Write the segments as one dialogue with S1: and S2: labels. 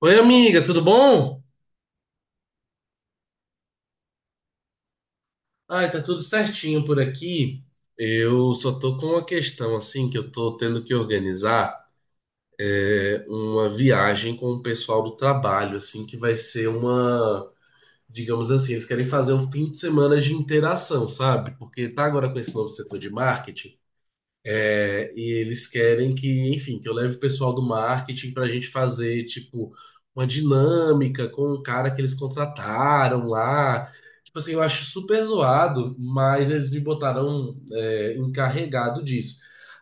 S1: Oi, amiga, tudo bom? Ai, tá tudo certinho por aqui. Eu só tô com uma questão, assim, que eu tô tendo que organizar uma viagem com o pessoal do trabalho, assim, que vai ser uma, digamos assim, eles querem fazer um fim de semana de interação, sabe? Porque tá agora com esse novo setor de marketing. É, e eles querem que, enfim, que eu leve o pessoal do marketing para a gente fazer, tipo, uma dinâmica com o cara que eles contrataram lá. Tipo assim, eu acho super zoado, mas eles me botaram, encarregado disso.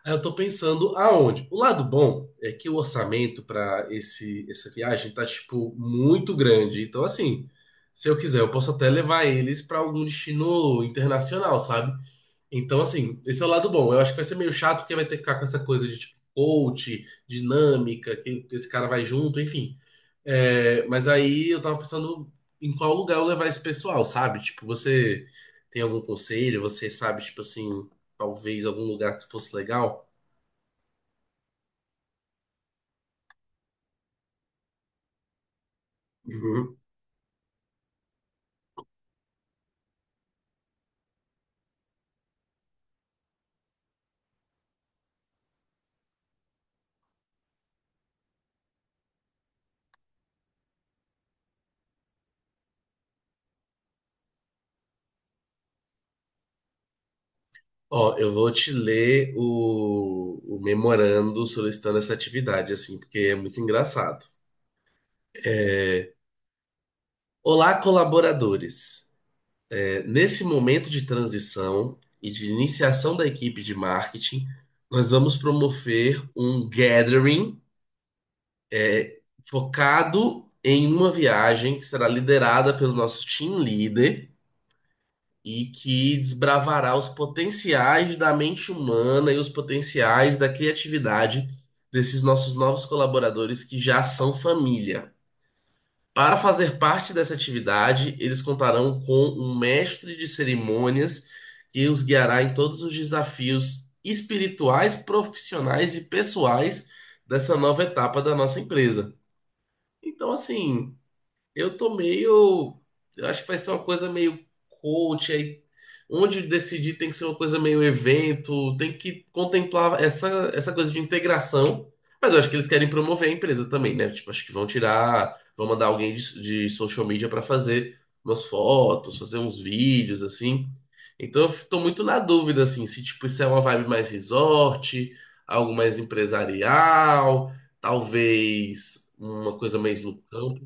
S1: Aí eu tô pensando aonde? O lado bom é que o orçamento para esse essa viagem tá, tipo, muito grande. Então, assim, se eu quiser, eu posso até levar eles para algum destino internacional, sabe? Então, assim, esse é o lado bom. Eu acho que vai ser meio chato porque vai ter que ficar com essa coisa de tipo coach, dinâmica, que esse cara vai junto, enfim. É, mas aí eu tava pensando em qual lugar eu levar esse pessoal, sabe? Tipo, você tem algum conselho? Você sabe, tipo assim, talvez algum lugar que fosse legal? Uhum. Ó, eu vou te ler o memorando solicitando essa atividade, assim, porque é muito engraçado. É, Olá, colaboradores. Nesse momento de transição e de iniciação da equipe de marketing, nós vamos promover um gathering focado em uma viagem que será liderada pelo nosso team leader e que desbravará os potenciais da mente humana e os potenciais da criatividade desses nossos novos colaboradores que já são família. Para fazer parte dessa atividade, eles contarão com um mestre de cerimônias que os guiará em todos os desafios espirituais, profissionais e pessoais dessa nova etapa da nossa empresa. Então, assim. Eu tô meio. Eu acho que vai ser uma coisa meio coach aí. Onde decidir tem que ser uma coisa meio evento, tem que contemplar essa, essa coisa de integração. Mas eu acho que eles querem promover a empresa também, né? Tipo, acho que vão tirar, vão mandar alguém de social media pra fazer umas fotos, fazer uns vídeos, assim. Então tô muito na dúvida, assim, se tipo, isso é uma vibe mais resort, algo mais empresarial, talvez uma coisa mais no campo.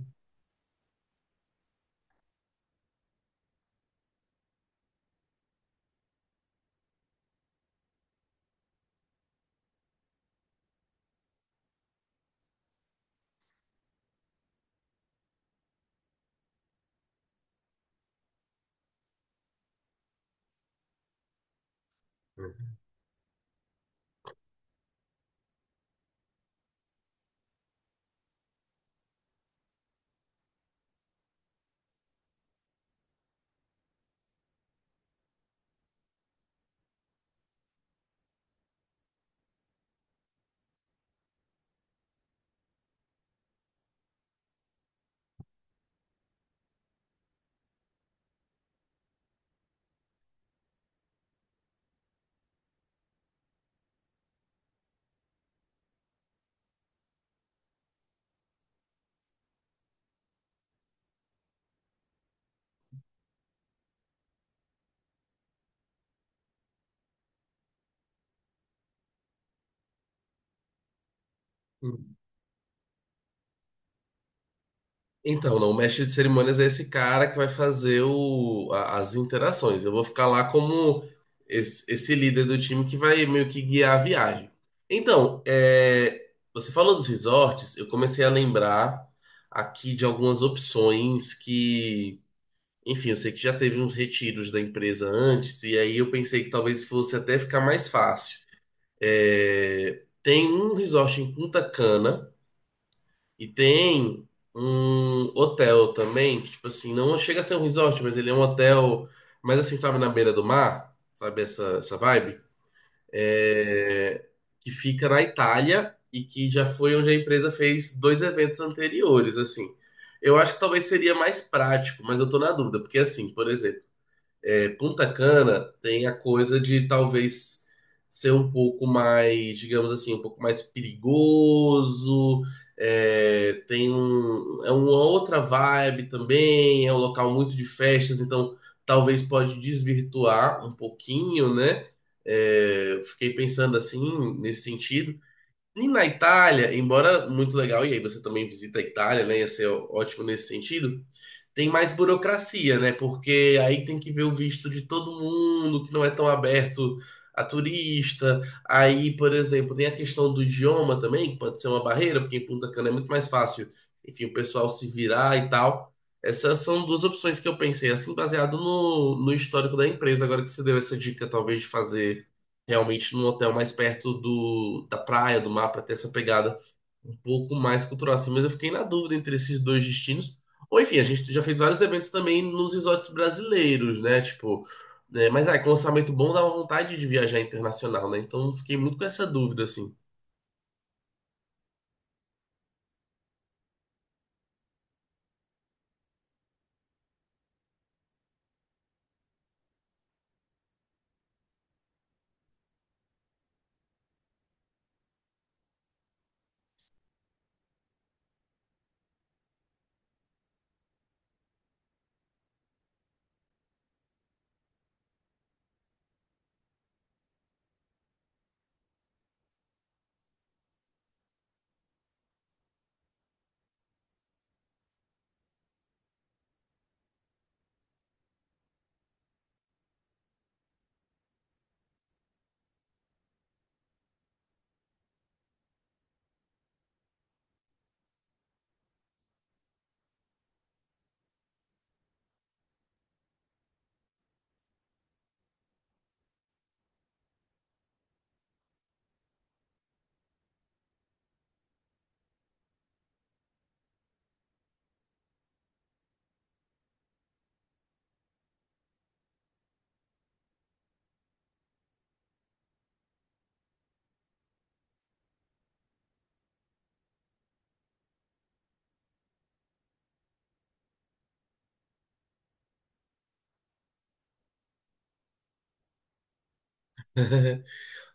S1: Então, não, o mestre de cerimônias é esse cara que vai fazer as interações. Eu vou ficar lá como esse líder do time que vai meio que guiar a viagem. Então, é, você falou dos resorts, eu comecei a lembrar aqui de algumas opções que, enfim, eu sei que já teve uns retiros da empresa antes, e aí eu pensei que talvez fosse até ficar mais fácil. É, tem um resort em Punta Cana e tem um hotel também, que, tipo assim, não chega a ser um resort, mas ele é um hotel, mas assim, sabe, na beira do mar, sabe, essa vibe. É, que fica na Itália e que já foi onde a empresa fez dois eventos anteriores, assim. Eu acho que talvez seria mais prático, mas eu tô na dúvida, porque assim, por exemplo, é, Punta Cana tem a coisa de talvez ser um pouco mais, digamos assim, um pouco mais perigoso. É, tem um, é uma outra vibe também. É um local muito de festas, então talvez pode desvirtuar um pouquinho, né? É, fiquei pensando assim nesse sentido. E na Itália, embora muito legal, e aí você também visita a Itália, né? Ia ser ótimo nesse sentido. Tem mais burocracia, né? Porque aí tem que ver o visto de todo mundo, que não é tão aberto a turista. Aí, por exemplo, tem a questão do idioma também, que pode ser uma barreira, porque em Punta Cana é muito mais fácil, enfim, o pessoal se virar e tal. Essas são duas opções que eu pensei, assim, baseado no histórico da empresa. Agora que você deu essa dica, talvez, de fazer realmente num hotel mais perto da praia, do mar, para ter essa pegada um pouco mais cultural assim, mas eu fiquei na dúvida entre esses dois destinos. Ou enfim, a gente já fez vários eventos também nos resorts brasileiros, né? Tipo, né, mas aí com orçamento bom dá uma vontade de viajar internacional, né? Então fiquei muito com essa dúvida, assim.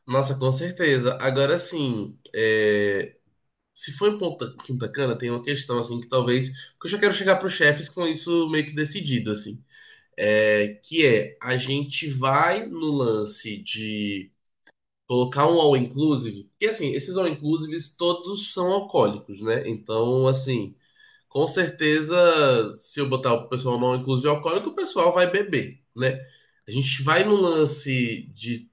S1: Nossa, com certeza. Agora sim, é, se for em Punta Cana, tem uma questão assim que talvez. Porque eu já quero chegar para os chefes com isso meio que decidido, assim. É, que é, a gente vai no lance de colocar um all inclusive, porque assim, esses all inclusives todos são alcoólicos, né? Então, assim, com certeza, se eu botar o pessoal no all inclusive alcoólico, o pessoal vai beber, né? A gente vai no lance de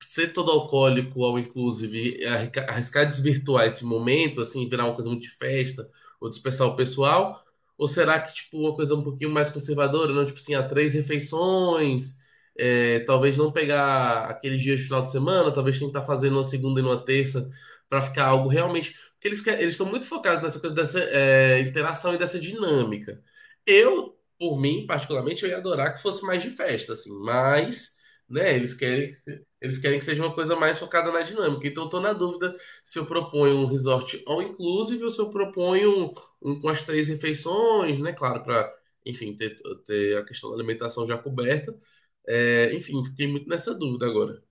S1: ser todo alcoólico ao inclusive é arriscar desvirtuar esse momento, assim, virar uma coisa muito de festa ou dispersar o pessoal? Ou será que, tipo, uma coisa um pouquinho mais conservadora, não? Tipo assim, há três refeições, é, talvez não pegar aqueles dias de final de semana, talvez tentar fazer numa segunda e numa terça para ficar algo realmente... Porque eles, eles estão muito focados nessa coisa dessa interação e dessa dinâmica. Eu, por mim, particularmente, eu ia adorar que fosse mais de festa, assim, mas né? Eles querem que seja uma coisa mais focada na dinâmica. Então, eu tô na dúvida se eu proponho um resort all inclusive ou se eu proponho um com as três refeições, né? Claro, para, enfim, ter, ter a questão da alimentação já coberta. É, enfim, fiquei muito nessa dúvida agora.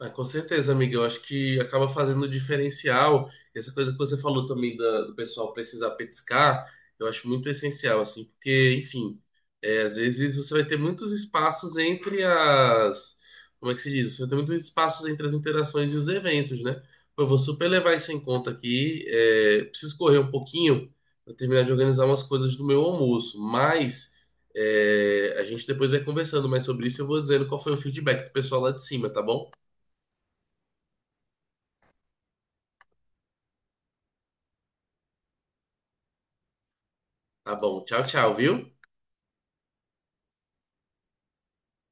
S1: Ah, com certeza, amiga. Eu acho que acaba fazendo o diferencial. Essa coisa que você falou também do pessoal precisar petiscar, eu acho muito essencial, assim, porque, enfim, é, às vezes você vai ter muitos espaços entre as. Como é que se diz? Você vai ter muitos espaços entre as interações e os eventos, né? Pô, eu vou super levar isso em conta aqui. É, preciso correr um pouquinho para terminar de organizar umas coisas do meu almoço, mas. É, a gente depois vai conversando mais sobre isso. E eu vou dizendo qual foi o feedback do pessoal lá de cima, tá bom? Tá bom. Tchau, tchau, viu?